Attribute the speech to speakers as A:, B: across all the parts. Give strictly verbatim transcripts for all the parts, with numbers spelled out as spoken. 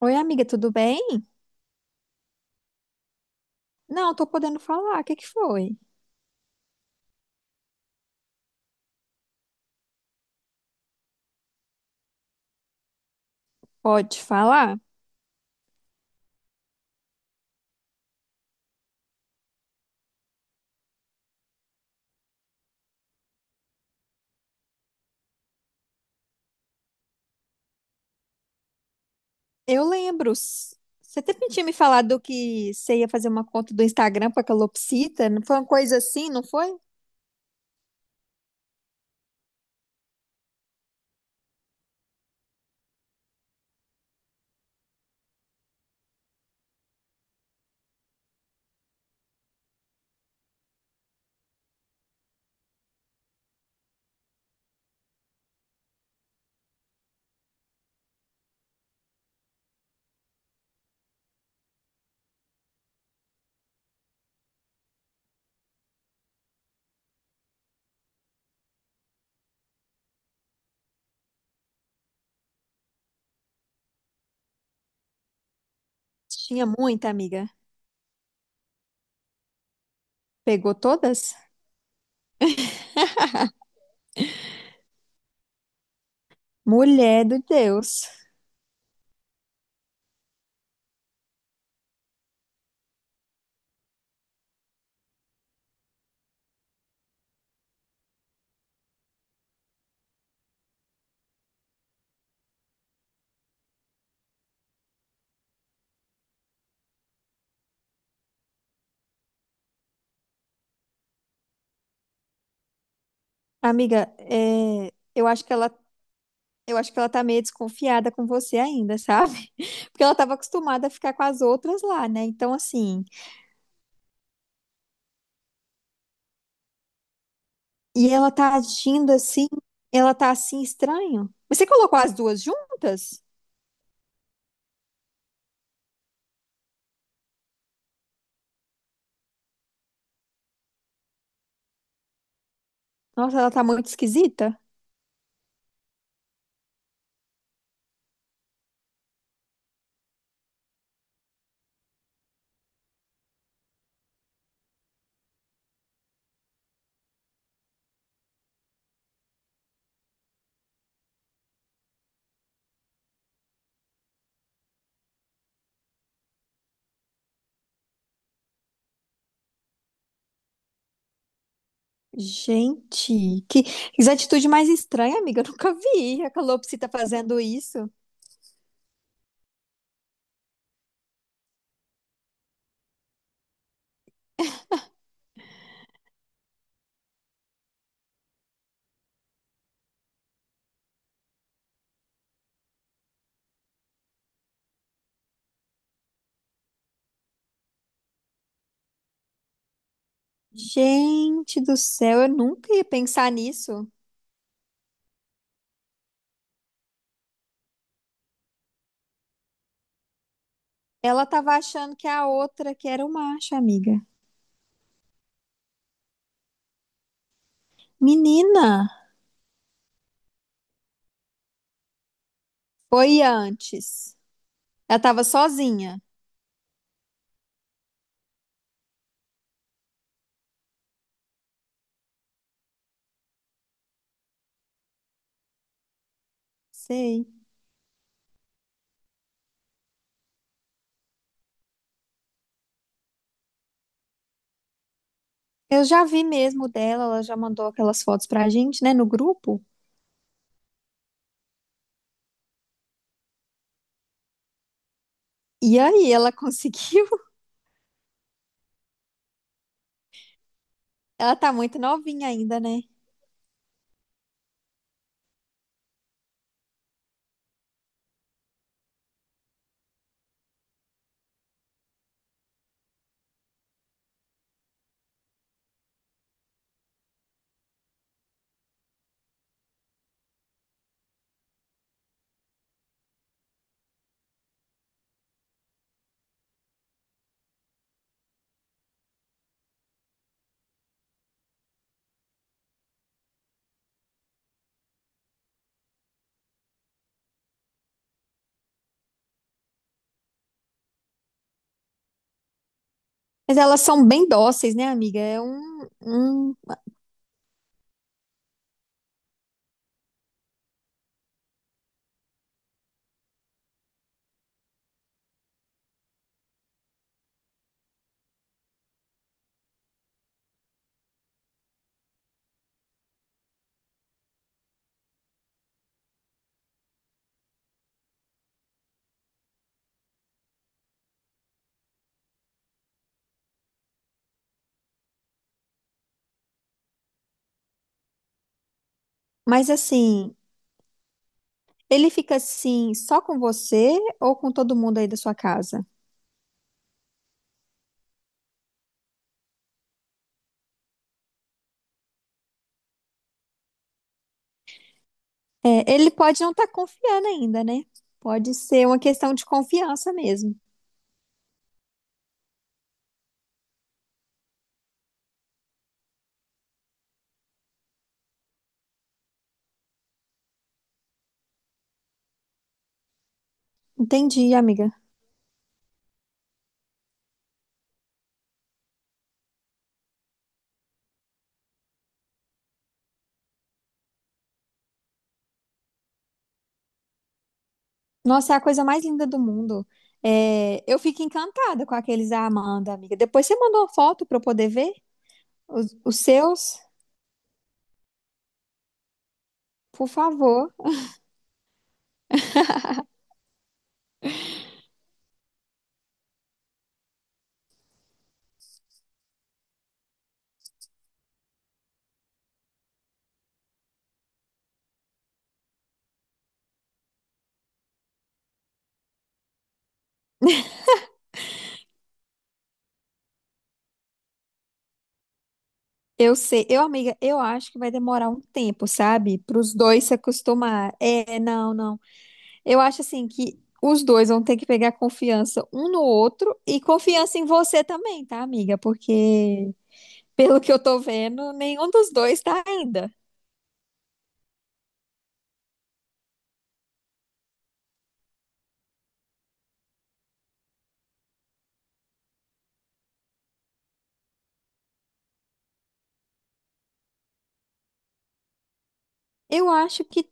A: Oi, amiga, tudo bem? Não, tô podendo falar. O que que foi? Pode falar? Eu lembro. s- Você até tinha me falado que você ia fazer uma conta do Instagram pra calopsita. Não foi uma coisa assim, não foi? Tinha muita, amiga. Pegou todas? Mulher do Deus. Amiga, é, eu acho que ela, eu acho que ela tá meio desconfiada com você ainda, sabe? Porque ela tava acostumada a ficar com as outras lá, né? Então, assim. E ela tá agindo assim, ela tá assim estranho. Mas você colocou as duas juntas? Nossa, ela tá muito esquisita. Gente, que, que atitude mais estranha, amiga. Eu nunca vi a calopsita fazendo isso. Gente do céu, eu nunca ia pensar nisso. Ela tava achando que a outra que era o macho, amiga. Menina, foi antes. Ela tava sozinha. Sei. Eu já vi mesmo dela, ela já mandou aquelas fotos pra gente, né, no grupo. E aí, ela conseguiu? Ela tá muito novinha ainda, né? Mas elas são bem dóceis, né, amiga? É um, um... Mas assim, ele fica assim só com você ou com todo mundo aí da sua casa? É, ele pode não estar confiando ainda, né? Pode ser uma questão de confiança mesmo. Entendi, amiga. Nossa, é a coisa mais linda do mundo. É, eu fico encantada com aqueles da Amanda, amiga. Depois você mandou uma foto para eu poder ver os, os seus, por favor. Eu sei, eu, amiga, eu acho que vai demorar um tempo, sabe? Para os dois se acostumar. É, não, não. Eu acho assim que os dois vão ter que pegar confiança um no outro e confiança em você também, tá, amiga? Porque pelo que eu tô vendo, nenhum dos dois tá ainda. Eu acho que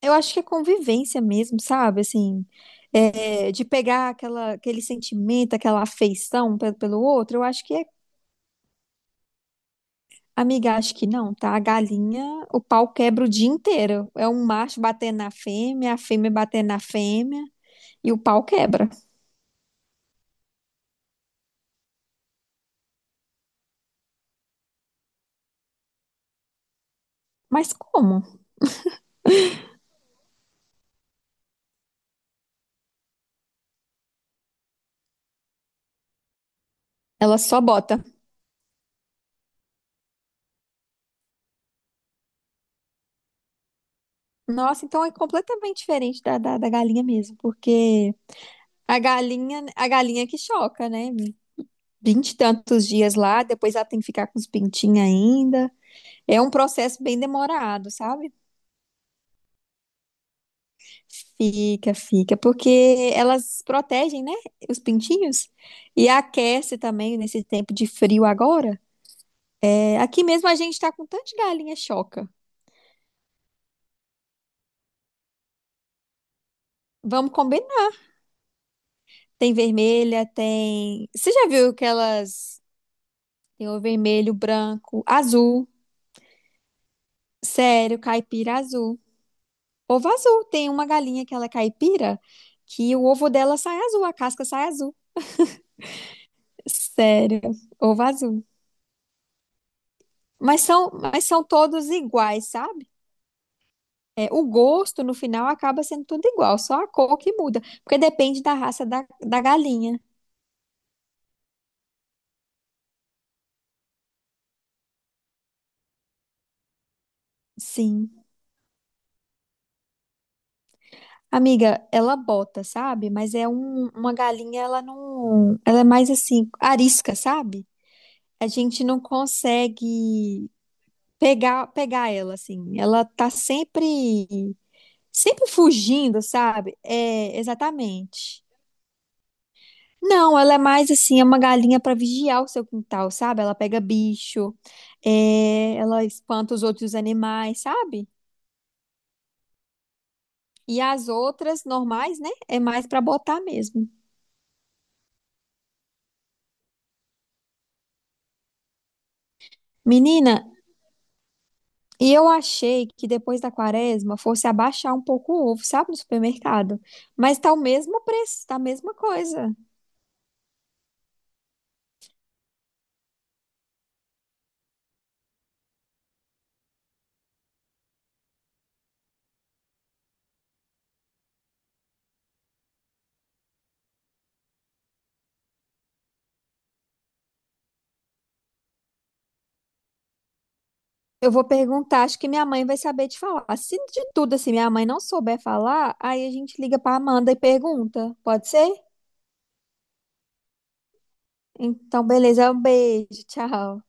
A: eu acho que é convivência mesmo, sabe? Assim, é, de pegar aquela, aquele sentimento, aquela afeição pe- pelo outro, eu acho que é... Amiga, acho que não, tá? A galinha, o pau quebra o dia inteiro. É um macho batendo na fêmea, a fêmea batendo na fêmea e o pau quebra. Mas como? Ela só bota. Nossa, então é completamente diferente da, da, da galinha mesmo, porque a galinha, a galinha que choca, né? Vinte e tantos dias lá, depois ela tem que ficar com os pintinhos ainda. É um processo bem demorado, sabe? Fica, fica, porque elas protegem, né, os pintinhos e aquece também nesse tempo de frio agora. É, aqui mesmo a gente tá com tantas galinhas choca. Vamos combinar. Tem vermelha, tem. Você já viu que elas tem o vermelho, branco, azul, sério, caipira azul. Ovo azul. Tem uma galinha que ela é caipira que o ovo dela sai azul, a casca sai azul. Sério, ovo azul. Mas são, mas são todos iguais, sabe? É, o gosto, no final, acaba sendo tudo igual, só a cor que muda, porque depende da raça da, da galinha. Sim. Amiga, ela bota, sabe? Mas é um, uma galinha, ela não. Ela é mais assim, arisca, sabe? A gente não consegue pegar, pegar ela, assim. Ela tá sempre, sempre fugindo, sabe? É, exatamente. Não, ela é mais assim, é uma galinha para vigiar o seu quintal, sabe? Ela pega bicho, é, ela espanta os outros animais, sabe? E as outras normais, né? É mais para botar mesmo. Menina, e eu achei que depois da quaresma fosse abaixar um pouco o ovo, sabe? No supermercado. Mas tá o mesmo preço, tá a mesma coisa. Eu vou perguntar, acho que minha mãe vai saber te falar. Se de tudo assim minha mãe não souber falar, aí a gente liga pra Amanda e pergunta. Pode ser? Então, beleza, um beijo, tchau.